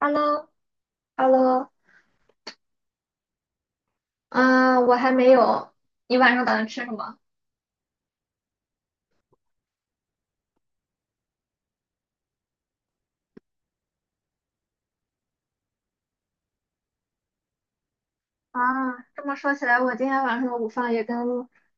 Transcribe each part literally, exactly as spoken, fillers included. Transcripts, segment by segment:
h e l l o h e l l o 啊，我还没有。你晚上打算吃什么？啊，这么说起来，我今天晚上的午饭也跟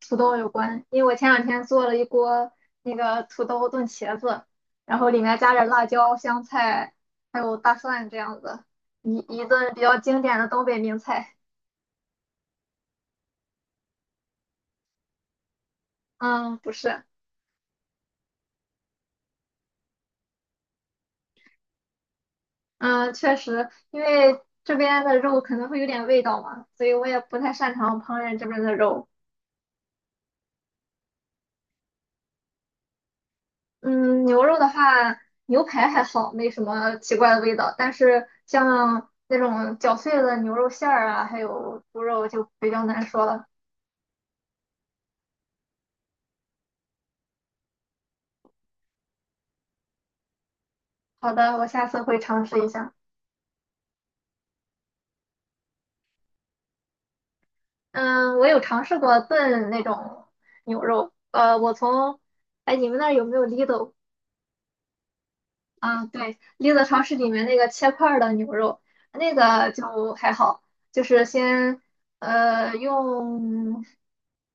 土豆有关，因为我前两天做了一锅那个土豆炖茄子，然后里面加点辣椒、香菜，还有大蒜这样子，一一顿比较经典的东北名菜。嗯，不是，嗯，确实，因为这边的肉可能会有点味道嘛，所以我也不太擅长烹饪这边的肉。嗯，牛肉的话，牛排还好，没什么奇怪的味道。但是像那种绞碎的牛肉馅儿啊，还有猪肉就比较难说了。好的，我下次会尝试一下。嗯，我有尝试过炖那种牛肉。呃，我从，哎，你们那儿有没有 Lidl？啊，对，绿色超市里面那个切块儿的牛肉，那个就还好，就是先呃用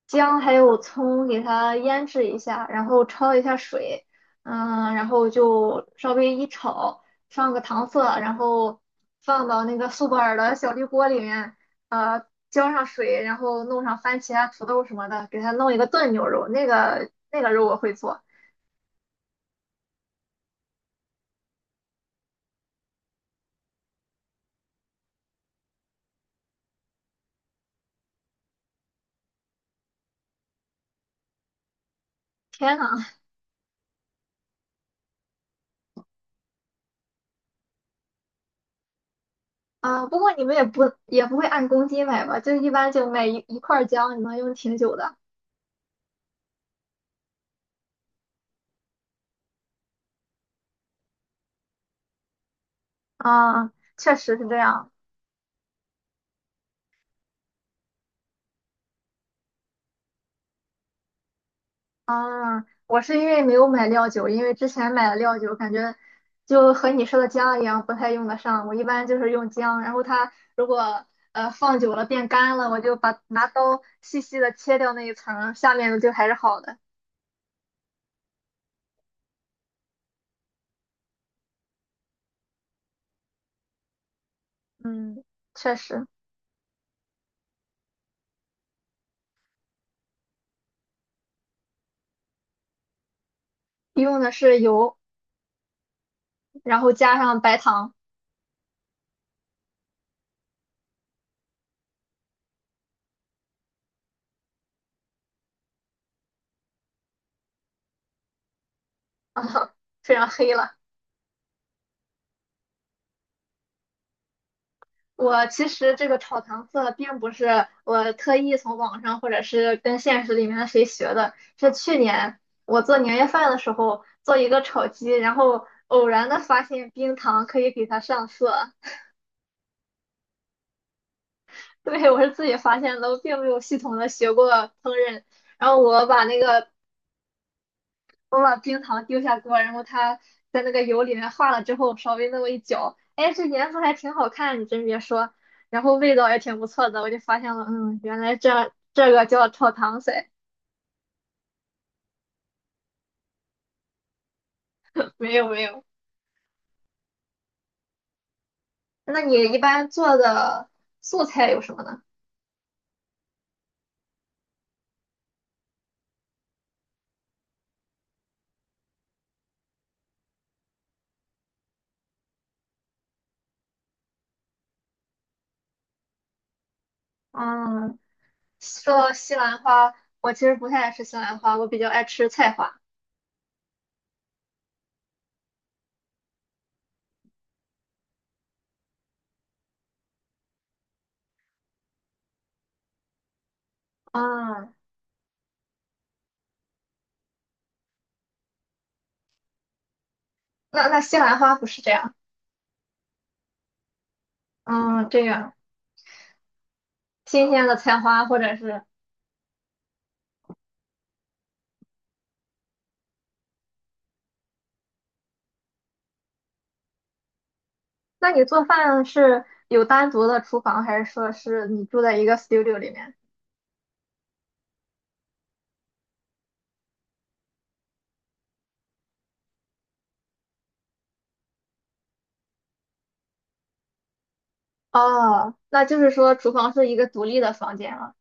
姜还有葱给它腌制一下，然后焯一下水，嗯，然后就稍微一炒，上个糖色，然后放到那个苏泊尔的小绿锅里面，呃，浇上水，然后弄上番茄啊、土豆什么的，给它弄一个炖牛肉，那个那个肉我会做。天呐！啊，不过你们也不也不会按公斤买吧？就一般就买一一块儿姜，你能用挺久的。啊，确实是这样。啊，我是因为没有买料酒，因为之前买的料酒，感觉就和你说的姜一样，不太用得上。我一般就是用姜，然后它如果呃放久了变干了，我就把拿刀细细的切掉那一层儿下面的就还是好的。嗯，确实用的是油，然后加上白糖，非常黑了。我其实这个炒糖色并不是我特意从网上或者是跟现实里面的谁学的，是去年我做年夜饭的时候做一个炒鸡，然后偶然的发现冰糖可以给它上色。对，我是自己发现的，我并没有系统的学过烹饪。然后我把那个我把冰糖丢下锅，然后它在那个油里面化了之后，稍微那么一搅，哎，这颜色还挺好看，你真别说，然后味道也挺不错的，我就发现了，嗯，原来这这个叫炒糖色，没有没有。那你一般做的素菜有什么呢？嗯，说到西兰花，我其实不太爱吃西兰花，我比较爱吃菜花。嗯，那那西兰花不是这样，嗯，这样新鲜的菜花或者是那你做饭是有单独的厨房，还是说是你住在一个 studio 里面？哦，那就是说厨房是一个独立的房间了。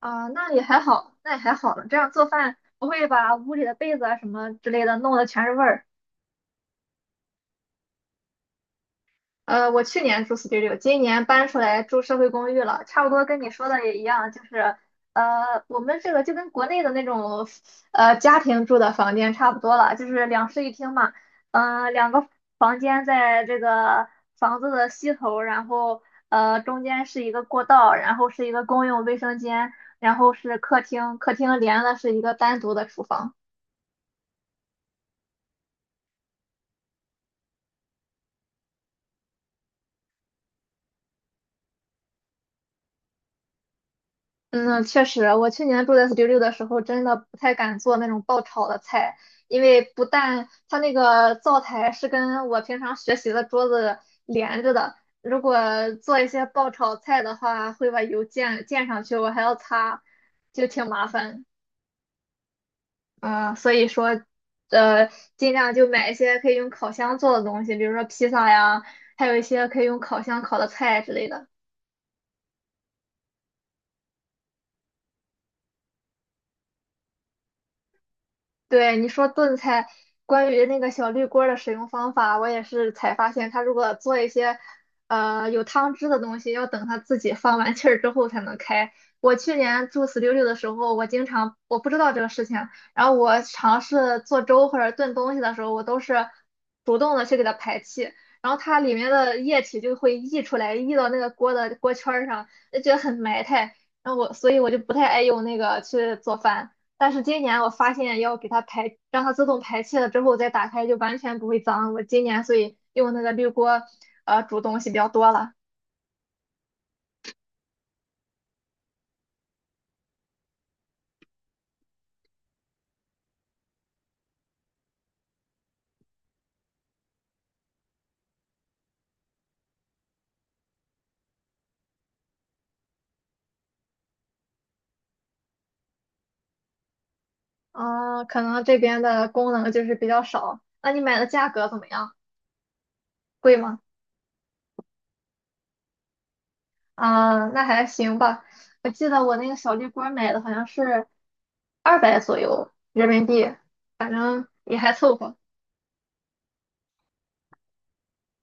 啊，那也还好，那也还好了。这样做饭不会把屋里的被子啊什么之类的弄得全是味儿。呃，我去年住 studio，今年搬出来住社会公寓了，差不多跟你说的也一样，就是呃，我们这个就跟国内的那种呃家庭住的房间差不多了，就是两室一厅嘛，呃，两个房间在这个房子的西头，然后呃中间是一个过道，然后是一个公用卫生间，然后是客厅，客厅连的是一个单独的厨房。嗯，确实，我去年住在 studio 的时候，真的不太敢做那种爆炒的菜，因为不但它那个灶台是跟我平常学习的桌子连着的，如果做一些爆炒菜的话，会把油溅溅上去，我还要擦，就挺麻烦。啊、所以说，呃，尽量就买一些可以用烤箱做的东西，比如说披萨呀，还有一些可以用烤箱烤的菜之类的。对，你说炖菜，关于那个小绿锅儿的使用方法，我也是才发现，它如果做一些呃有汤汁的东西，要等它自己放完气儿之后才能开。我去年住四六六的时候，我经常我不知道这个事情，然后我尝试做粥或者炖东西的时候，我都是主动的去给它排气，然后它里面的液体就会溢出来，溢到那个锅的锅圈儿上，就觉得很埋汰。然后我，所以我就不太爱用那个去做饭。但是今年我发现要给它排，让它自动排气了之后再打开就完全不会脏。我今年所以用那个绿锅，呃，煮东西比较多了。啊、可能这边的功能就是比较少。那你买的价格怎么样？贵吗？啊、那还行吧。我记得我那个小绿锅买的好像是二百左右人民币，反正也还凑合。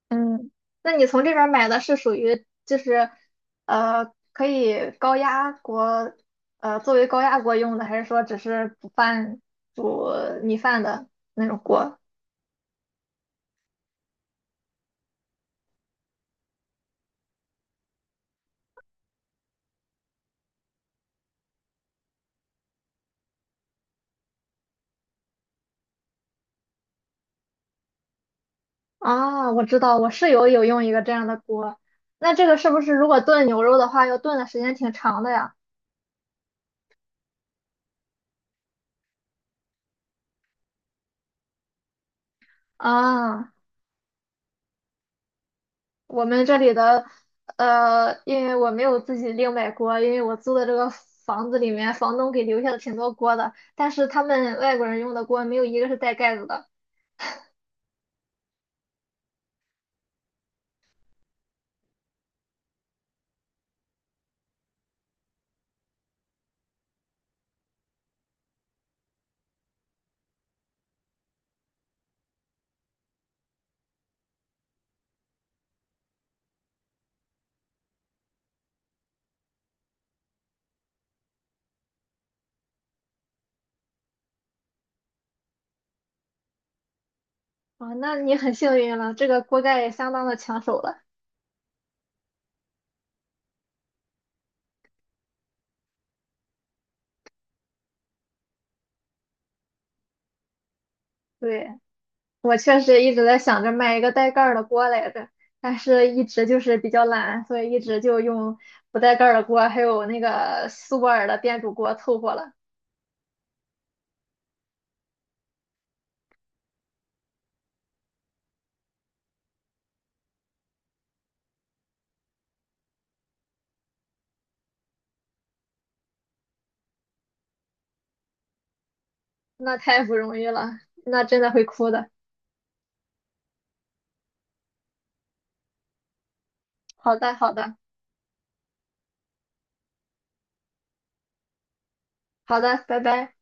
嗯，那你从这边儿买的是属于就是呃可以高压锅呃作为高压锅用的，还是说只是煮饭煮米饭的那种锅？啊，我知道，我室友有用一个这样的锅。那这个是不是如果炖牛肉的话，要炖的时间挺长的呀？啊。我们这里的，呃，因为我没有自己另买锅，因为我租的这个房子里面，房东给留下了挺多锅的，但是他们外国人用的锅没有一个是带盖子的。啊，那你很幸运了，这个锅盖也相当的抢手了。对，我确实一直在想着买一个带盖儿的锅来着，但是一直就是比较懒，所以一直就用不带盖儿的锅，还有那个苏泊尔的电煮锅凑合了。那太不容易了，那真的会哭的。好的，好的，好的，拜拜。